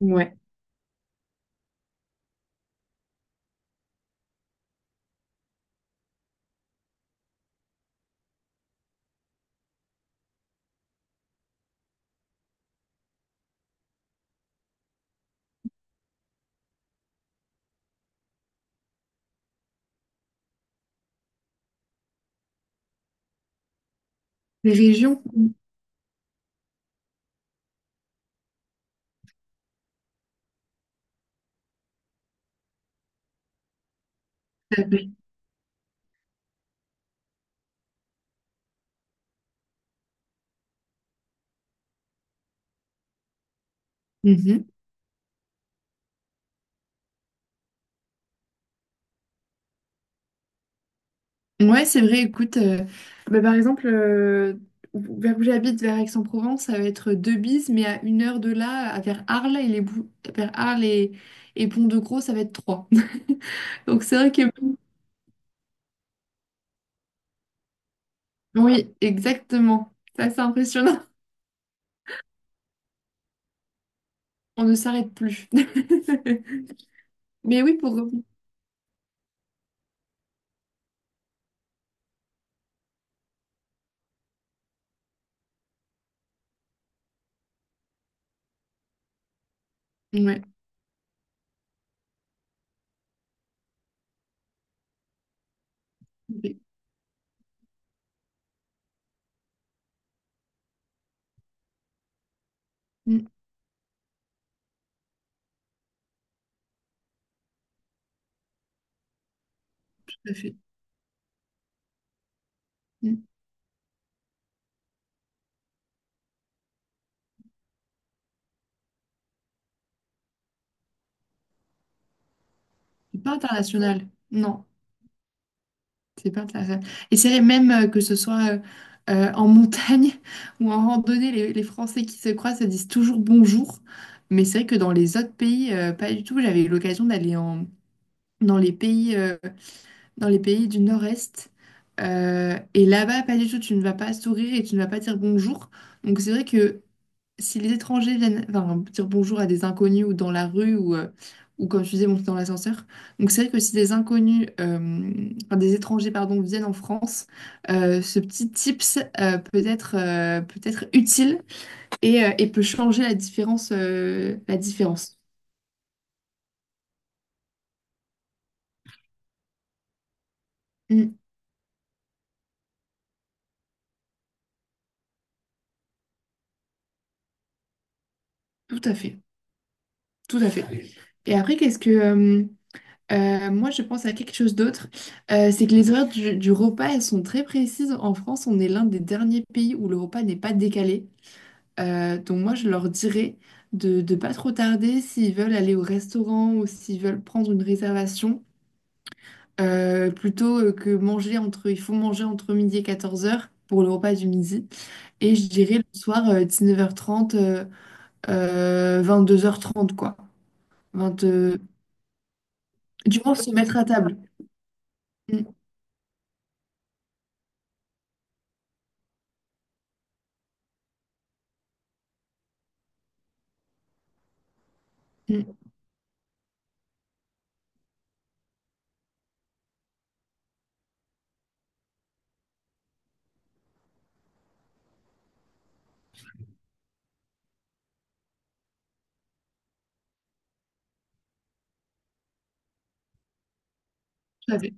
Ouais. Les régions qu'on... Mhm. Ouais, c'est vrai, écoute, bah, par exemple, vers où j'habite, vers Aix-en-Provence, ça va être deux bises, mais à une heure de là, vers Arles et Pont-de-Gros, ça va être trois. Donc c'est vrai que oui, oui, exactement. Ça, c'est impressionnant. On ne s'arrête plus. Mais oui, pour revenir. Ouais. Ok. Mm, tout à fait. Mm. C'est pas international. Non. C'est pas intéressant. Et c'est vrai, même que ce soit en montagne ou en randonnée, les Français qui se croisent se disent toujours bonjour. Mais c'est vrai que dans les autres pays, pas du tout. J'avais eu l'occasion d'aller en, dans les pays euh, dans les pays du Nord-Est. Et là-bas, pas du tout, tu ne vas pas sourire et tu ne vas pas dire bonjour. Donc c'est vrai que si les étrangers viennent enfin, dire bonjour à des inconnus ou dans la rue ou comme tu disais, monter dans l'ascenseur, donc c'est vrai que si des inconnus, enfin, des étrangers, pardon, viennent en France, ce petit tips peut être utile et peut changer la différence. La différence. Mm, tout à fait, tout à fait. Et après, qu'est-ce que... moi, je pense à quelque chose d'autre. C'est que les horaires du repas, elles sont très précises. En France, on est l'un des derniers pays où le repas n'est pas décalé. Donc moi, je leur dirais de ne pas trop tarder s'ils veulent aller au restaurant ou s'ils veulent prendre une réservation, plutôt que manger entre... Il faut manger entre midi et 14 heures pour le repas du midi. Et je dirais le soir, 19 h 22h30 quoi. 20. Du moins, se mettre à table. Mm, mm, tout à fait.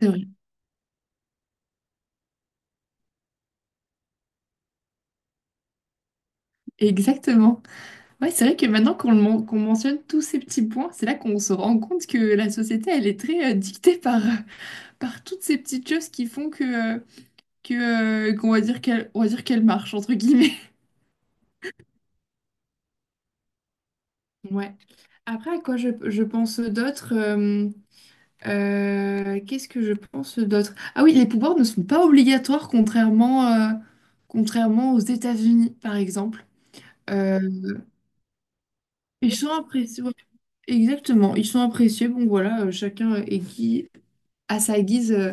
C'est vrai. Exactement. Ouais, c'est vrai que maintenant qu'on mentionne tous ces petits points, c'est là qu'on se rend compte que la société, elle est très dictée par, par toutes ces petites choses qui font que, qu'on va dire qu'elle, on va dire qu'elle marche, entre guillemets. Ouais. Après, à quoi je pense d'autre qu'est-ce que je pense d'autre? Ah oui, les pouvoirs ne sont pas obligatoires contrairement, contrairement aux États-Unis, par exemple. Euh, et j'ai l'impression, exactement, ils sont appréciés. Bon, voilà, chacun est qui, à sa guise, euh,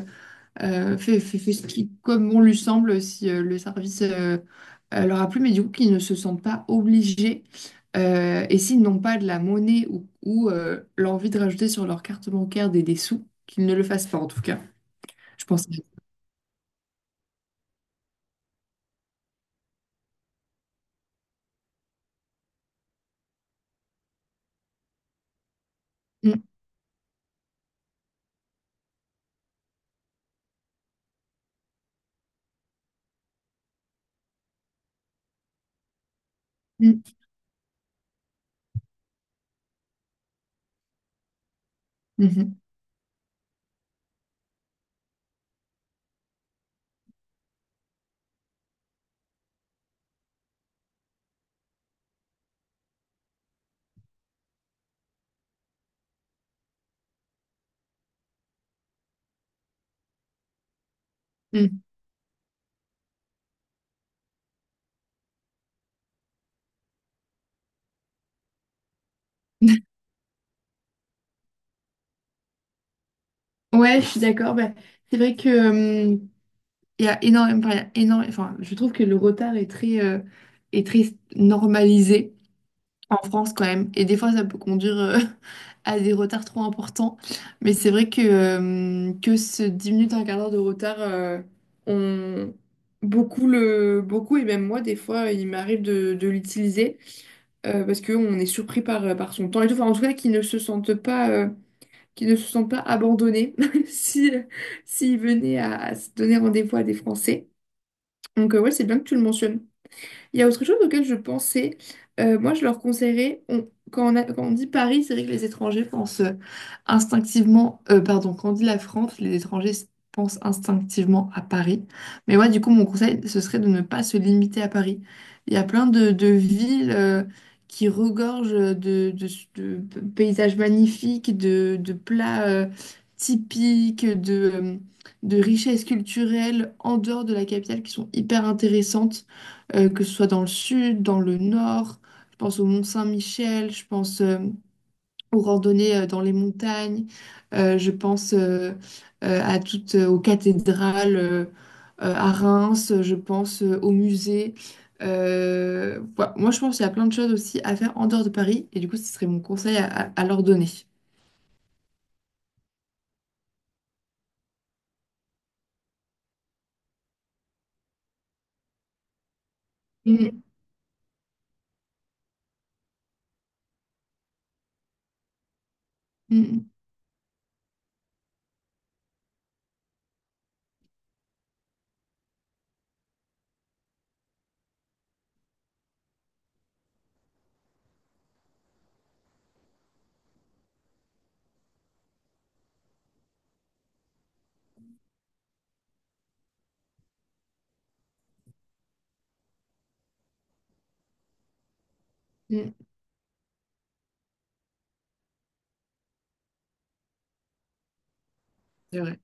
euh, fait ce qui, comme on lui semble, si le service leur a plu, mais du coup, qu'ils ne se sentent pas obligés. Et s'ils n'ont pas de la monnaie ou, l'envie de rajouter sur leur carte bancaire des sous, qu'ils ne le fassent pas, en tout cas. Je pense. Mm, mm, mhm, mm. Ouais, je suis d'accord. Bah, c'est vrai que. Il y a énormément, enfin, il y a énorme- enfin, je trouve que le retard est très normalisé en France quand même. Et des fois, ça peut conduire à des retards trop importants. Mais c'est vrai que ce 10 minutes, un quart d'heure de retard, on... beaucoup, le... beaucoup, et même moi, des fois, il m'arrive de l'utiliser parce qu'on est surpris par, par son temps et tout. Enfin, en tout cas, qu'ils ne se sentent pas, qu'ils ne se sentent pas abandonnés si, s'ils venaient à se donner rendez-vous à des Français. Donc, ouais, c'est bien que tu le mentionnes. Il y a autre chose auquel je pensais. Moi, je leur conseillerais, quand on a- quand on dit Paris, c'est vrai que les étrangers pensent instinctivement, pardon, quand on dit la France, les étrangers pensent instinctivement à Paris. Mais moi, du coup, mon conseil, ce serait de ne pas se limiter à Paris. Il y a plein de villes qui regorgent de, de paysages magnifiques, de plats typiques, de richesses culturelles en dehors de la capitale qui sont hyper intéressantes que ce soit dans le sud, dans le nord. Je pense au Mont Saint-Michel, je pense aux randonnées dans les montagnes, je pense à toutes, aux cathédrales à Reims, je pense aux musées. Voilà. Moi, je pense qu'il y a plein de choses aussi à faire en dehors de Paris, et du coup, ce serait mon conseil à, à leur donner. Mm, mm, mm. C'est vrai.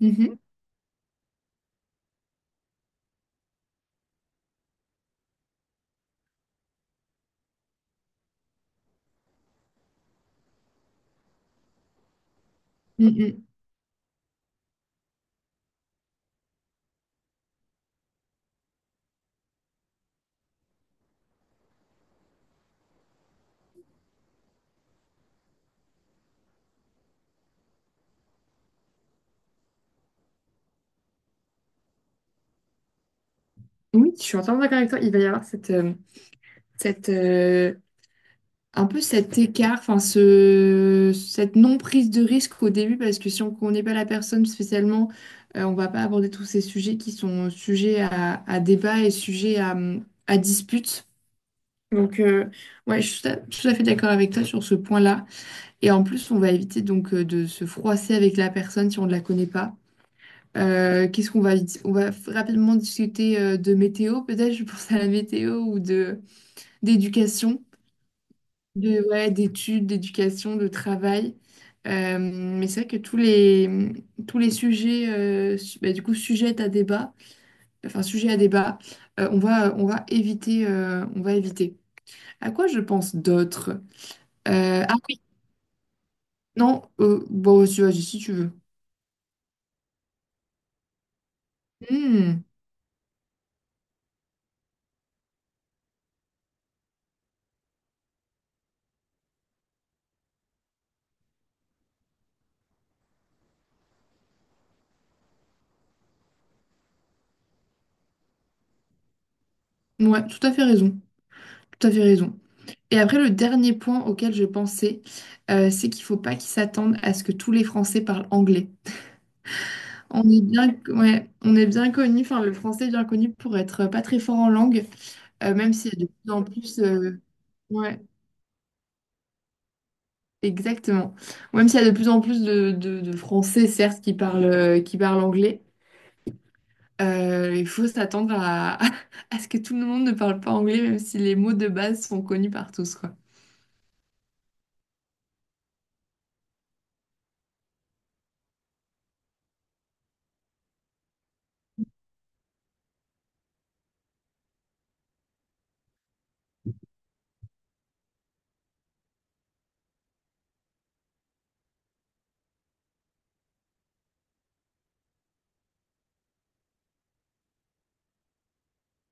Mhm, mm, mm. Oui, je suis entièrement d'accord avec toi. Il va y avoir cette, cette un peu cet écart, enfin ce, cette non-prise de risque au début, parce que si on ne connaît pas la personne spécialement, on ne va pas aborder tous ces sujets qui sont sujets à débat et sujets à dispute. Donc, ouais, je suis tout à, tout à fait d'accord avec toi sur ce point-là. Et en plus, on va éviter donc de se froisser avec la personne si on ne la connaît pas. Qu'est-ce qu'on va, on va rapidement discuter de météo, peut-être, je pense à la météo ou de d'éducation de, ouais, d'études, d'éducation, de travail. Mais c'est vrai que tous les sujets, bah, du coup, sujet à débat, enfin, sujet à débat, on va éviter, on va éviter. À quoi je pense d'autres? Ah oui, non, bon, si, vas si tu veux. Hmm, ouais, tout à fait raison, tout à fait raison. Et après, le dernier point auquel je pensais, c'est qu'il faut pas qu'ils s'attendent à ce que tous les Français parlent anglais. On est bien, ouais, on est bien connu, enfin le français est bien connu pour être pas très fort en langue, même s'il y a de plus en plus, ouais, exactement. Même s'il y a de plus en plus de, de Français, certes, qui parlent anglais, il faut s'attendre à, à ce que tout le monde ne parle pas anglais, même si les mots de base sont connus par tous, quoi.